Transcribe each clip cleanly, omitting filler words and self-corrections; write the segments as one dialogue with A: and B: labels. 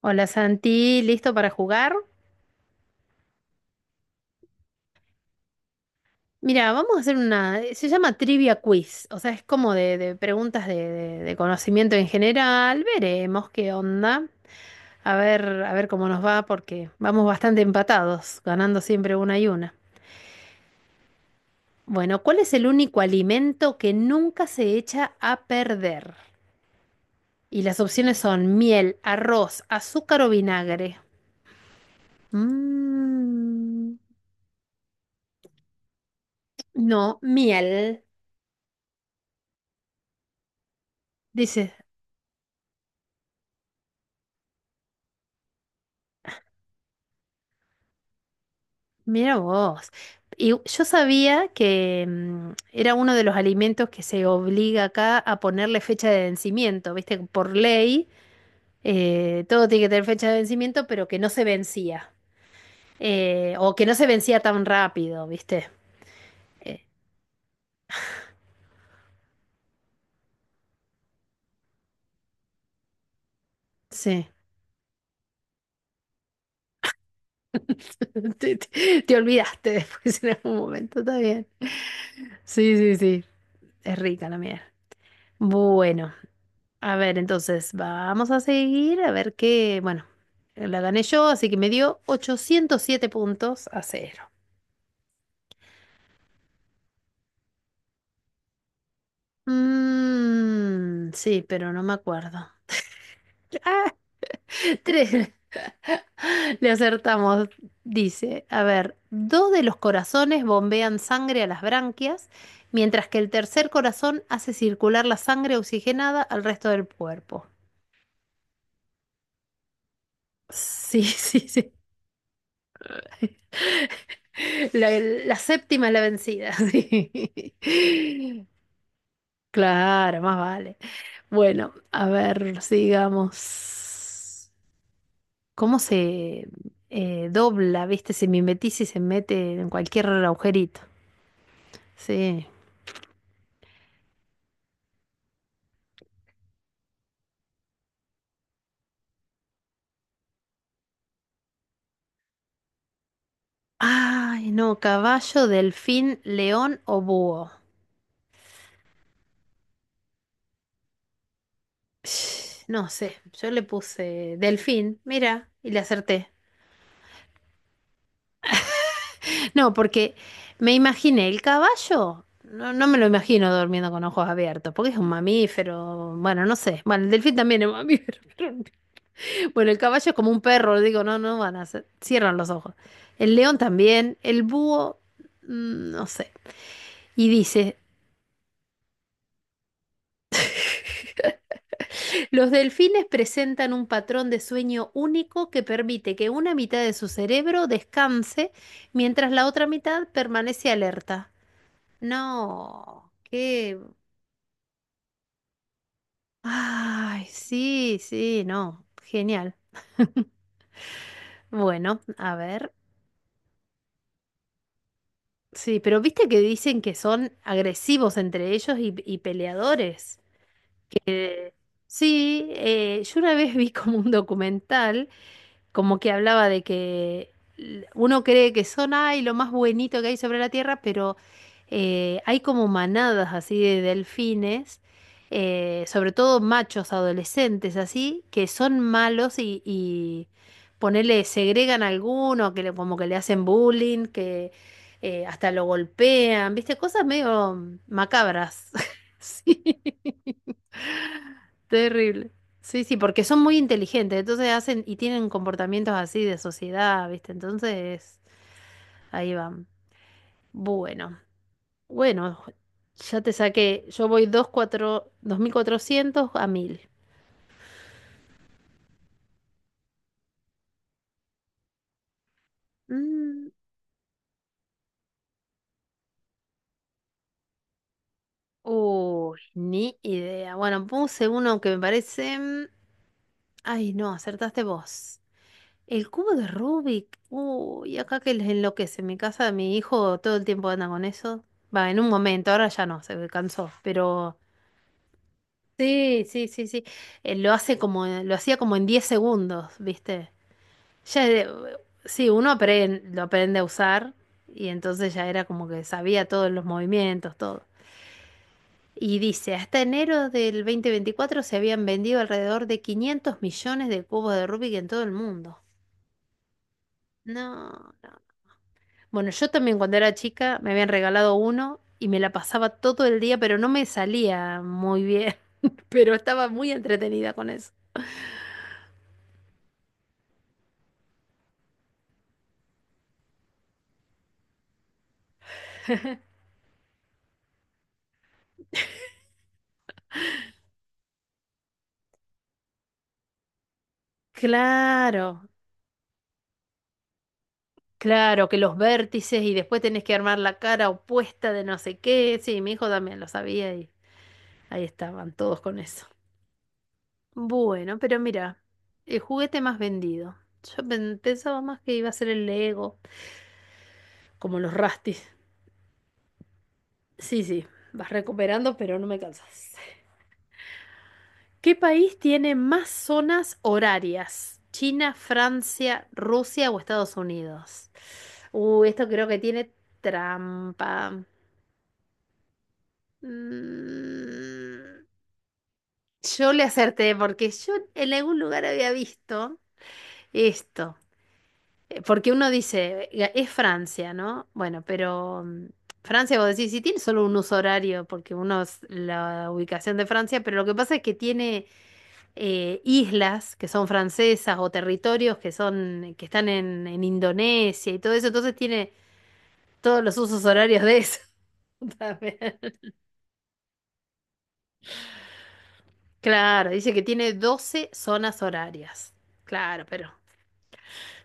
A: Hola Santi, ¿listo para jugar? Mira, vamos a hacer una, se llama Trivia Quiz, o sea, es como de preguntas de conocimiento en general. Veremos qué onda. A ver cómo nos va, porque vamos bastante empatados, ganando siempre una y una. Bueno, ¿cuál es el único alimento que nunca se echa a perder? Y las opciones son miel, arroz, azúcar o vinagre. Mm, no, miel. Dice. Mira vos. Y yo sabía que era uno de los alimentos que se obliga acá a ponerle fecha de vencimiento, ¿viste? Por ley, todo tiene que tener fecha de vencimiento, pero que no se vencía. O que no se vencía tan rápido, ¿viste? Eh, sí. Te olvidaste después en algún momento, está bien. Sí, sí, sí. Es rica la miel. Bueno. A ver, entonces vamos a seguir a ver qué, bueno, la gané yo, así que me dio 807 puntos a 0. Mm, sí, pero no me acuerdo. Ah, tres. Le acertamos. Dice, a ver, dos de los corazones bombean sangre a las branquias, mientras que el tercer corazón hace circular la sangre oxigenada al resto del cuerpo. Sí, sí, sí. La séptima es la vencida. Sí. Claro, más vale. Bueno, a ver, sigamos. ¿Cómo se dobla, viste? Se mimetiza y se mete en cualquier agujerito. Sí. Ay, no, caballo, delfín, león o búho. Sh, no sé, yo le puse delfín, mira, y le acerté. No, porque me imaginé el caballo. No, no me lo imagino durmiendo con ojos abiertos, porque es un mamífero. Bueno, no sé. Bueno, el delfín también es mamífero. Bueno, el caballo es como un perro, digo, no, no van a hacer. Cierran los ojos. El león también. El búho, no sé. Y dice, los delfines presentan un patrón de sueño único que permite que una mitad de su cerebro descanse mientras la otra mitad permanece alerta. No, qué. Ay, sí, sí, no, genial. Bueno, a ver. Sí, pero viste que dicen que son agresivos entre ellos y peleadores. Sí, yo una vez vi como un documental como que hablaba de que uno cree que son, ay, lo más buenito que hay sobre la Tierra, pero hay como manadas así de delfines, sobre todo machos adolescentes así, que son malos y ponele, segregan a alguno, que como que le hacen bullying, que hasta lo golpean, ¿viste? Cosas medio macabras. Sí. Terrible. Sí, sí, porque son muy inteligentes, entonces hacen y tienen comportamientos así de sociedad, ¿viste? Entonces, ahí van. Bueno, bueno, ya te saqué, yo voy 2400 a 1000. Mm, uy, ni idea. Bueno, puse uno que me parece. Ay, no, acertaste vos. El cubo de Rubik. Uy, acá que les enloquece. En mi casa, mi hijo todo el tiempo anda con eso. Va, en un momento, ahora ya no, se cansó, pero. Sí, sí, sí, sí. Lo hace como, lo hacía como en 10 segundos, ¿viste? Ya, es sí, uno lo aprende a usar y entonces ya era como que sabía todos los movimientos, todo. Y dice, hasta enero del 2024 se habían vendido alrededor de 500 millones de cubos de Rubik en todo el mundo. No, no. Bueno, yo también cuando era chica me habían regalado uno y me la pasaba todo el día, pero no me salía muy bien, pero estaba muy entretenida con eso. Claro, claro, que los vértices y después tenés que armar la cara opuesta de no sé qué. Sí, mi hijo también lo sabía y ahí estaban todos con eso. Bueno, pero mira, el juguete más vendido. Yo pensaba más que iba a ser el Lego, como los Rastis. Sí, sí, vas recuperando, pero no me cansas. ¿Qué país tiene más zonas horarias? ¿China, Francia, Rusia o Estados Unidos? Esto creo que tiene trampa. Mm, Yo le acerté porque yo en algún lugar había visto esto. Porque uno dice: Es Francia, ¿no?" Bueno, pero Francia, vos decís, si tiene solo un uso horario, porque uno es la ubicación de Francia, pero lo que pasa es que tiene islas que son francesas o territorios que son, que están en Indonesia y todo eso, entonces tiene todos los usos horarios de eso también. Claro, dice que tiene 12 zonas horarias. Claro, pero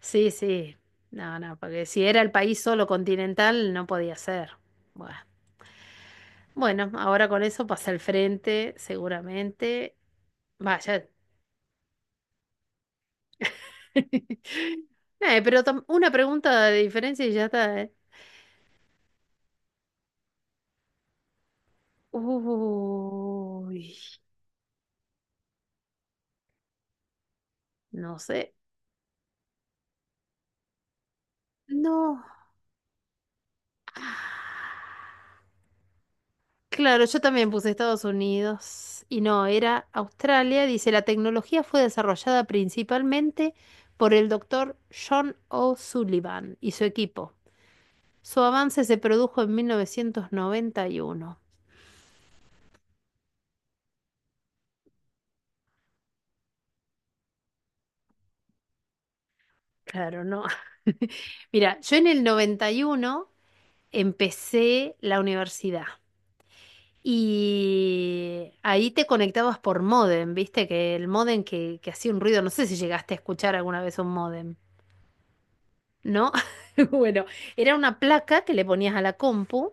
A: sí, sí. No, no, porque si era el país solo continental, no podía ser. Bueno, bueno, ahora con eso pasa al frente, seguramente. Vaya. Pero una pregunta de diferencia y ya está, ¿eh? Uy, no sé. No. Ah, claro, yo también puse Estados Unidos y no, era Australia. Dice, la tecnología fue desarrollada principalmente por el doctor John O'Sullivan y su equipo. Su avance se produjo en 1991. Claro, no. Mira, yo en el 91 empecé la universidad y ahí te conectabas por módem, viste que el módem que hacía un ruido, no sé si llegaste a escuchar alguna vez un módem, ¿no? Bueno, era una placa que le ponías a la compu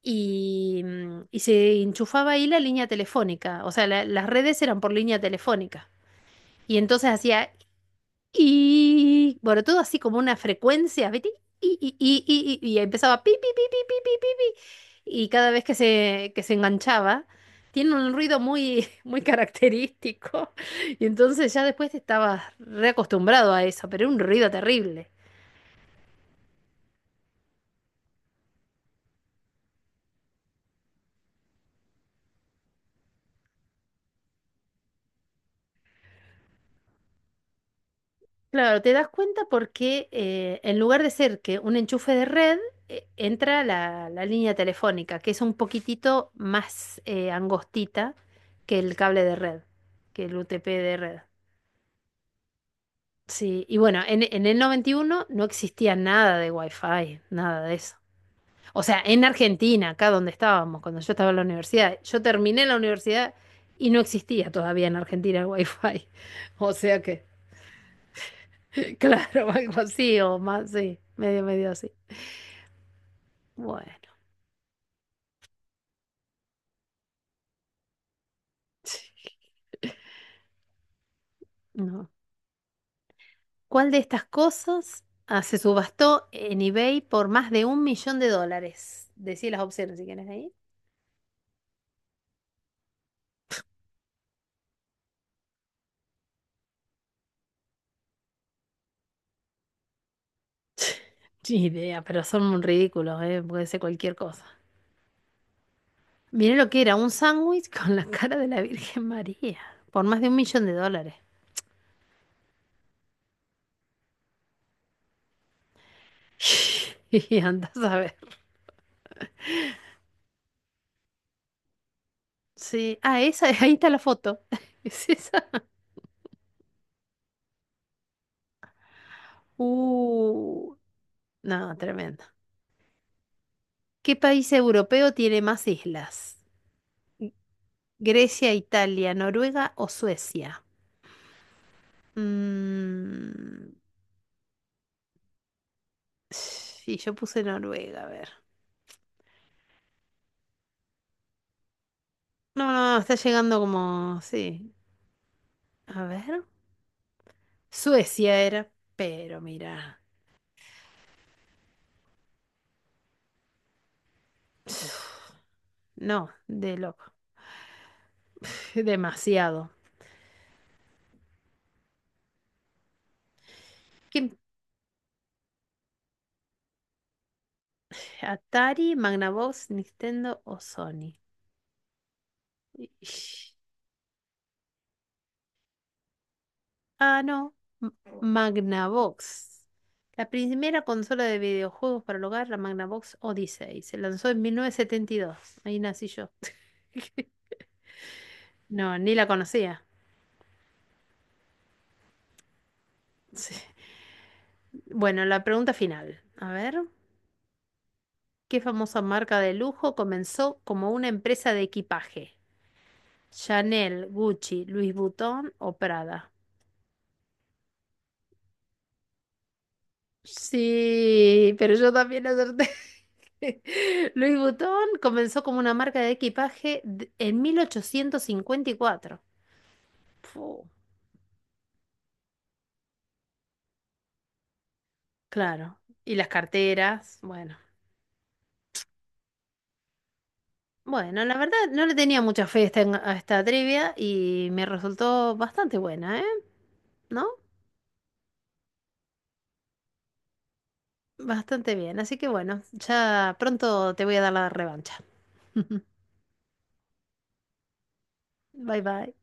A: y se enchufaba ahí la línea telefónica, o sea, las redes eran por línea telefónica. Y entonces hacía. Y bueno, todo así como una frecuencia, ¿viste? Y empezaba pi, pi, pi, pi, pi, pi, pi, pi. Y cada vez que se, enganchaba, tiene un ruido muy, muy característico. Y entonces ya después te estabas reacostumbrado a eso, pero era un ruido terrible. Claro, te das cuenta porque en lugar de ser que un enchufe de red, entra la línea telefónica, que es un poquitito más angostita que el cable de red, que el UTP de red. Sí, y bueno, en el 91 no existía nada de Wi-Fi, nada de eso. O sea, en Argentina, acá donde estábamos, cuando yo estaba en la universidad, yo terminé la universidad y no existía todavía en Argentina el Wi-Fi. O sea que, claro, algo así o más, sí, medio, medio así. Bueno, sí, no. ¿Cuál de estas cosas se subastó en eBay por más de $1 millón? Decí las opciones si quieres ahí. Ni idea, pero son un ridículo, ¿eh? Puede ser cualquier cosa. Mirá lo que era, un sándwich con la cara de la Virgen María, por más de $1 millón. Y andás a ver. Sí, ah, esa, ahí está la foto. ¿Es esa? Uh, no, tremendo. ¿Qué país europeo tiene más islas? ¿Grecia, Italia, Noruega o Suecia? Mm, sí, yo puse Noruega, a ver. No, no, no, está llegando como, sí. A ver. Suecia era, pero mira. No, de loco. Demasiado. ¿Qué- Atari, Magnavox, Nintendo o Sony? Ish. Ah, no. M- Magnavox. La primera consola de videojuegos para el hogar, la Magnavox Odyssey. Se lanzó en 1972. Ahí nací yo. No, ni la conocía. Sí. Bueno, la pregunta final. A ver, ¿qué famosa marca de lujo comenzó como una empresa de equipaje? ¿Chanel, Gucci, Louis Vuitton o Prada? Sí, pero yo también acerté. Louis Vuitton comenzó como una marca de equipaje en 1854. Fu, claro. Y las carteras, bueno. Bueno, la verdad no le tenía mucha fe a esta, trivia y me resultó bastante buena, ¿eh? ¿No? Bastante bien. Así que bueno, ya pronto te voy a dar la revancha. Bye bye.